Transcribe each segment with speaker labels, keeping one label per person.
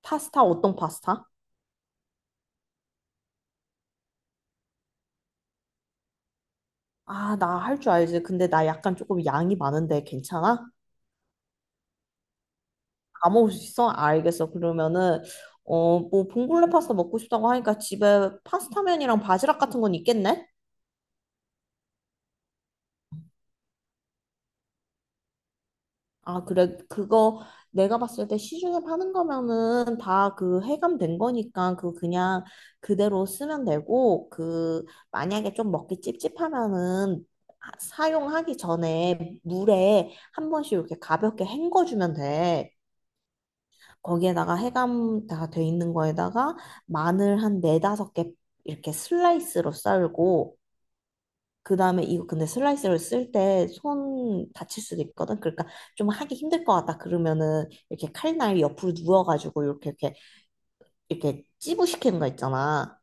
Speaker 1: 파스타 어떤 파스타? 아, 나 할 줄 알지. 근데 나 약간 조금 양이 많은데 괜찮아? 다 먹을 수 있어? 알겠어. 그러면은 뭐 봉골레 파스타 먹고 싶다고 하니까 집에 파스타면이랑 바지락 같은 건 있겠네? 아, 그래. 그거 내가 봤을 때 시중에 파는 거면은 다 그 해감된 거니까 그 그냥 그대로 쓰면 되고 그 만약에 좀 먹기 찝찝하면은 사용하기 전에 물에 한 번씩 이렇게 가볍게 헹궈주면 돼. 거기에다가 해감 다 돼 있는 거에다가 마늘 한 네다섯 개 이렇게 슬라이스로 썰고 그다음에 이거 근데 슬라이스를 쓸 때 손 다칠 수도 있거든. 그러니까 좀 하기 힘들 것 같다. 그러면은 이렇게 칼날 옆으로 누워가지고 이렇게 이렇게 찌부시키는 거 있잖아.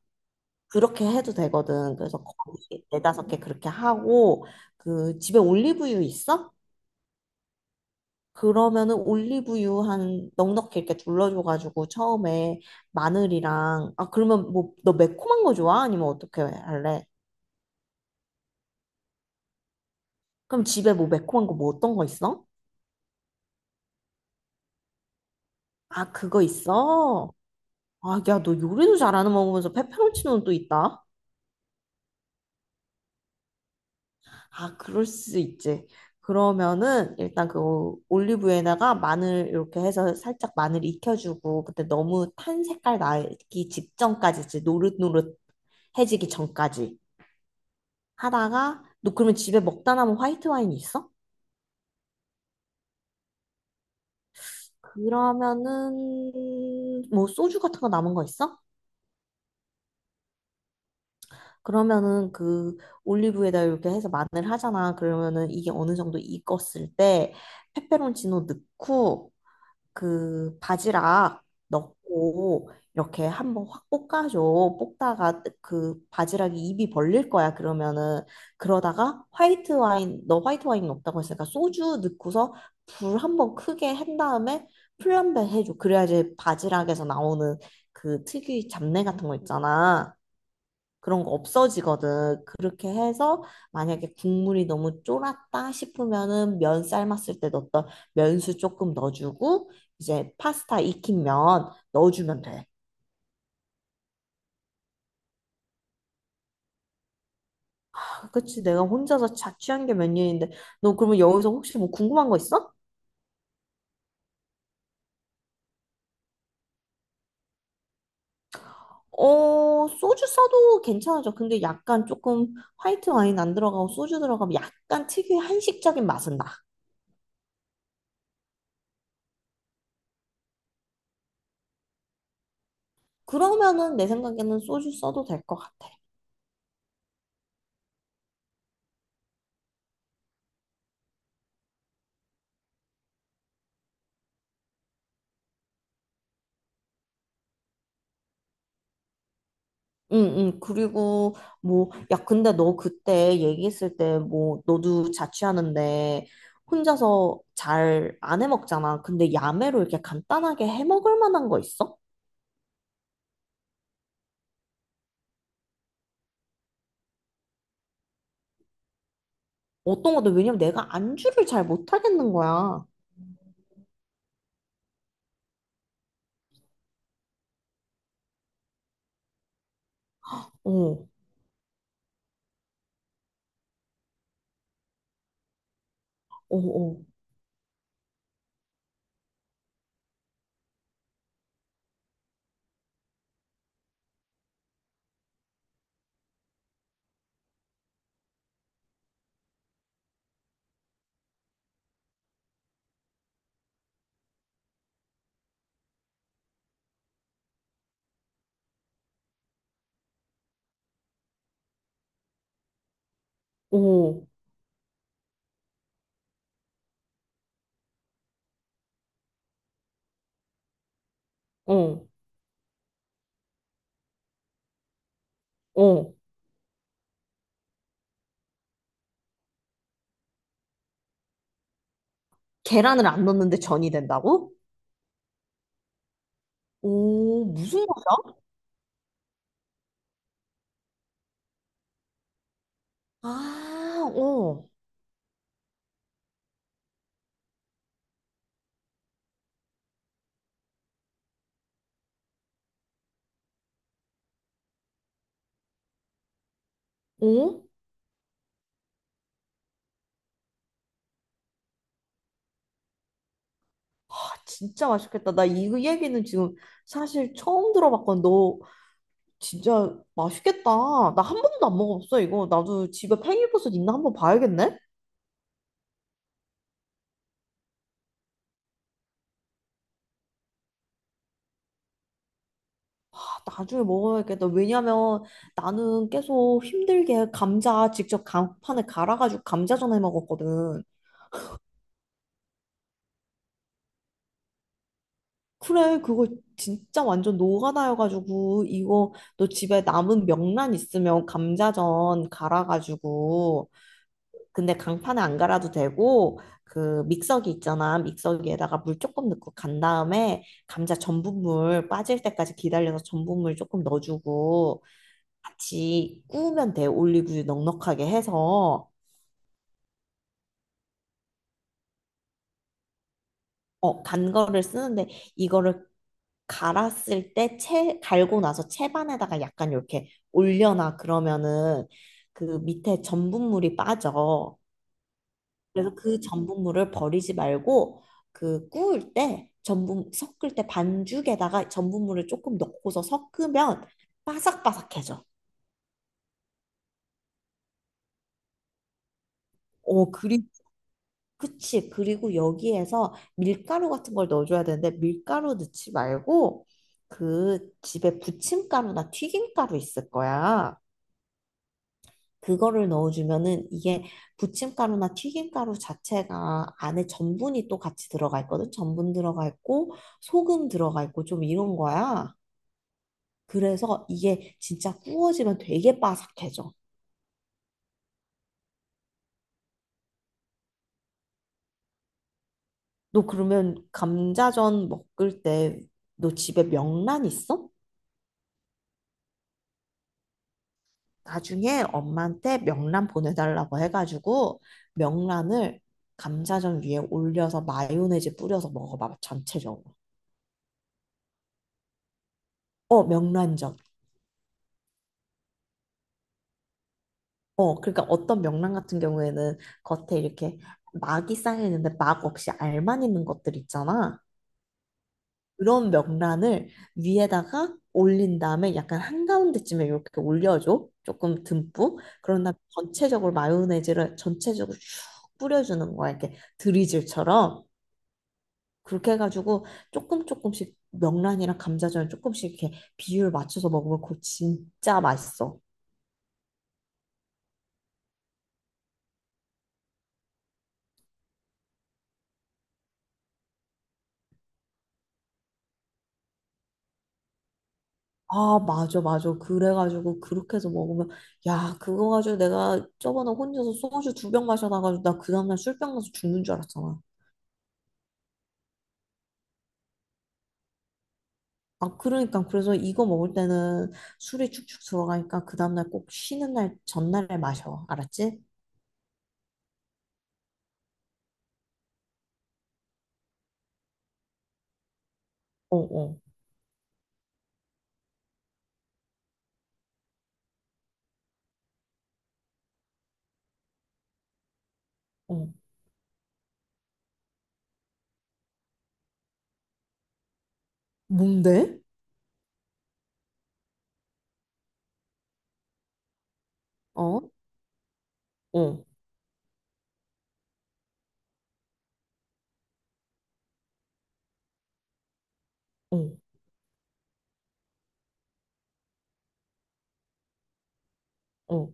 Speaker 1: 그렇게 해도 되거든. 그래서 거기 네다섯 개 그렇게 하고 그 집에 올리브유 있어? 그러면은 올리브유 한 넉넉히 이렇게 둘러줘가지고 처음에 마늘이랑 아 그러면 뭐 너 매콤한 거 좋아? 아니면 어떻게 할래? 그럼 집에 뭐 매콤한 거 뭐 어떤 거 있어? 아 그거 있어? 아 야 너 요리도 잘하는 먹으면서 페페론치노는 또 있다? 아 그럴 수 있지. 그러면은 일단 그 올리브유에다가 마늘 이렇게 해서 살짝 마늘 익혀주고 그때 너무 탄 색깔 나기 직전까지 지 노릇노릇해지기 전까지 하다가 너 그러면 집에 먹다 남은 화이트 와인이 있어? 그러면은 뭐 소주 같은 거 남은 거 있어? 그러면은 그 올리브에다 이렇게 해서 마늘 하잖아. 그러면은 이게 어느 정도 익었을 때 페페론치노 넣고 그 바지락 넣고 이렇게 한번 확 볶아줘. 볶다가 그 바지락이 입이 벌릴 거야. 그러면은 그러다가 화이트 와인 너 화이트 와인 없다고 했으니까 소주 넣고서 불 한번 크게 한 다음에 플람베 해줘. 그래야지 바지락에서 나오는 그 특유의 잡내 같은 거 있잖아. 그런 거 없어지거든. 그렇게 해서 만약에 국물이 너무 쫄았다 싶으면은 면 삶았을 때 넣었던 면수 조금 넣어주고 이제 파스타 익힌 면 넣어주면 돼. 아, 그치, 내가 혼자서 자취한 게 몇 년인데 너 그러면 여기서 혹시 뭐 궁금한 거 있어? 어, 소주 써도 괜찮아져. 근데 약간 조금 화이트 와인 안 들어가고 소주 들어가면 약간 특유의 한식적인 맛은 나. 그러면은 내 생각에는 소주 써도 될 것 같아. 응, 응. 그리고, 뭐, 야, 근데 너 그때 얘기했을 때, 뭐, 너도 자취하는데, 혼자서 잘 안 해 먹잖아. 근데 야매로 이렇게 간단하게 해 먹을 만한 거 있어? 어떤 거도 왜냐면 내가 안주를 잘 못 하겠는 거야. 어, 어, 어, 어, 어, 어. 계란을 안 넣는데 전이 된다고? 오, 무슨 맛이야? 아, 어, 어? 아, 진짜 맛있겠다. 나 이 얘기는 지금 사실 처음 들어봤거든. 너 진짜 맛있겠다. 나 한 번도 안 먹어봤어, 이거. 나도 집에 팽이버섯 있나 한번 봐야겠네? 아, 나중에 먹어야겠다. 왜냐면 나는 계속 힘들게 감자 직접 강판에 갈아가지고 감자전에 먹었거든. 그래, 그거 진짜 완전 노가다여가지고, 이거 너 집에 남은 명란 있으면 감자전 갈아가지고 근데 강판에 안 갈아도 되고 그 믹서기 있잖아. 믹서기에다가 물 조금 넣고 간 다음에 감자 전분물 빠질 때까지 기다려서 전분물 조금 넣어주고 같이 구우면 돼. 올리브유 넉넉하게 해서 어, 간 거를 쓰는데 이거를 갈았을 때 갈고 나서 채반에다가 약간 이렇게 올려놔. 그러면은 그 밑에 전분물이 빠져. 그래서 그 전분물을 버리지 말고 그 구울 때 전분 섞을 때 반죽에다가 전분물을 조금 넣고서 섞으면 바삭바삭해져. 어, 그리, 그치. 그리고 여기에서 밀가루 같은 걸 넣어줘야 되는데 밀가루 넣지 말고 그 집에 부침가루나 튀김가루 있을 거야. 그거를 넣어주면은 이게 부침가루나 튀김가루 자체가 안에 전분이 또 같이 들어가 있거든. 전분 들어가 있고 소금 들어가 있고 좀 이런 거야. 그래서 이게 진짜 구워지면 되게 바삭해져. 너 그러면 감자전 먹을 때 너 집에 명란 있어? 나중에 엄마한테 명란 보내달라고 해가지고 명란을 감자전 위에 올려서 마요네즈 뿌려서 먹어봐 전체적으로. 어명란전 어, 그러니까 어떤 명란 같은 경우에는 겉에 이렇게 막이 쌓여 있는데 막 없이 알만 있는 것들 있잖아. 그런 명란을 위에다가 올린 다음에 약간 한가운데쯤에 이렇게 올려줘. 조금 듬뿍. 그런 다음에 전체적으로 마요네즈를 전체적으로 쭉 뿌려주는 거야. 이렇게 드리즐처럼. 그렇게 해가지고 조금 조금씩 명란이랑 감자전을 조금씩 이렇게 비율 맞춰서 먹으면 그거 진짜 맛있어. 아, 맞아, 맞아. 그래가지고, 그렇게 해서 먹으면, 야, 그거 가지고 내가 저번에 혼자서 소주 두 병 마셔놔가지고, 나 그 다음날 술병 나서 죽는 줄 알았잖아. 아, 그러니까, 그래서 이거 먹을 때는 술이 축축 들어가니까, 그 다음날 꼭 쉬는 날, 전날에 마셔. 알았지? 어, 어, 어. 뭔데? 어, 어, 어, 어.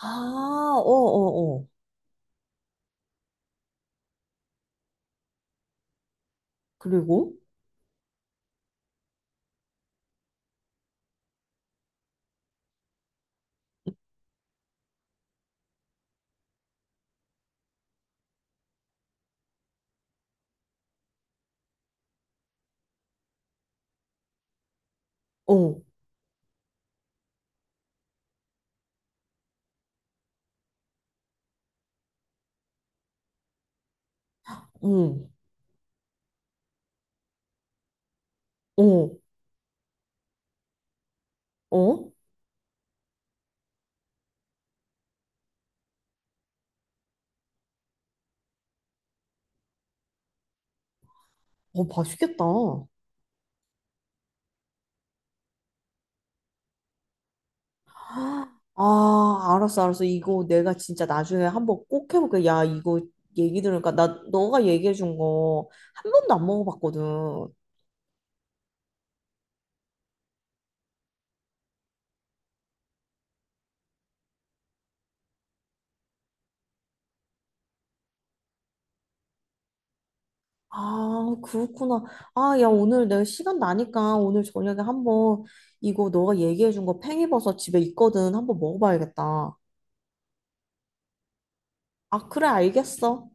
Speaker 1: 아, 어, 어, 어. 그리고, 어, 응, 어, 어. 어, 맛있겠다. 아, 알았어, 알았어. 이거 내가 진짜 나중에 한번 꼭 해볼게. 야, 이거 얘기 들으니까 나 너가 얘기해준 거 한 번도 안 먹어봤거든. 아, 그렇구나. 아, 야, 오늘 내가 시간 나니까 오늘 저녁에 한번 이거 너가 얘기해준 거 팽이버섯 집에 있거든. 한번 먹어봐야겠다. 아, 그래, 알겠어.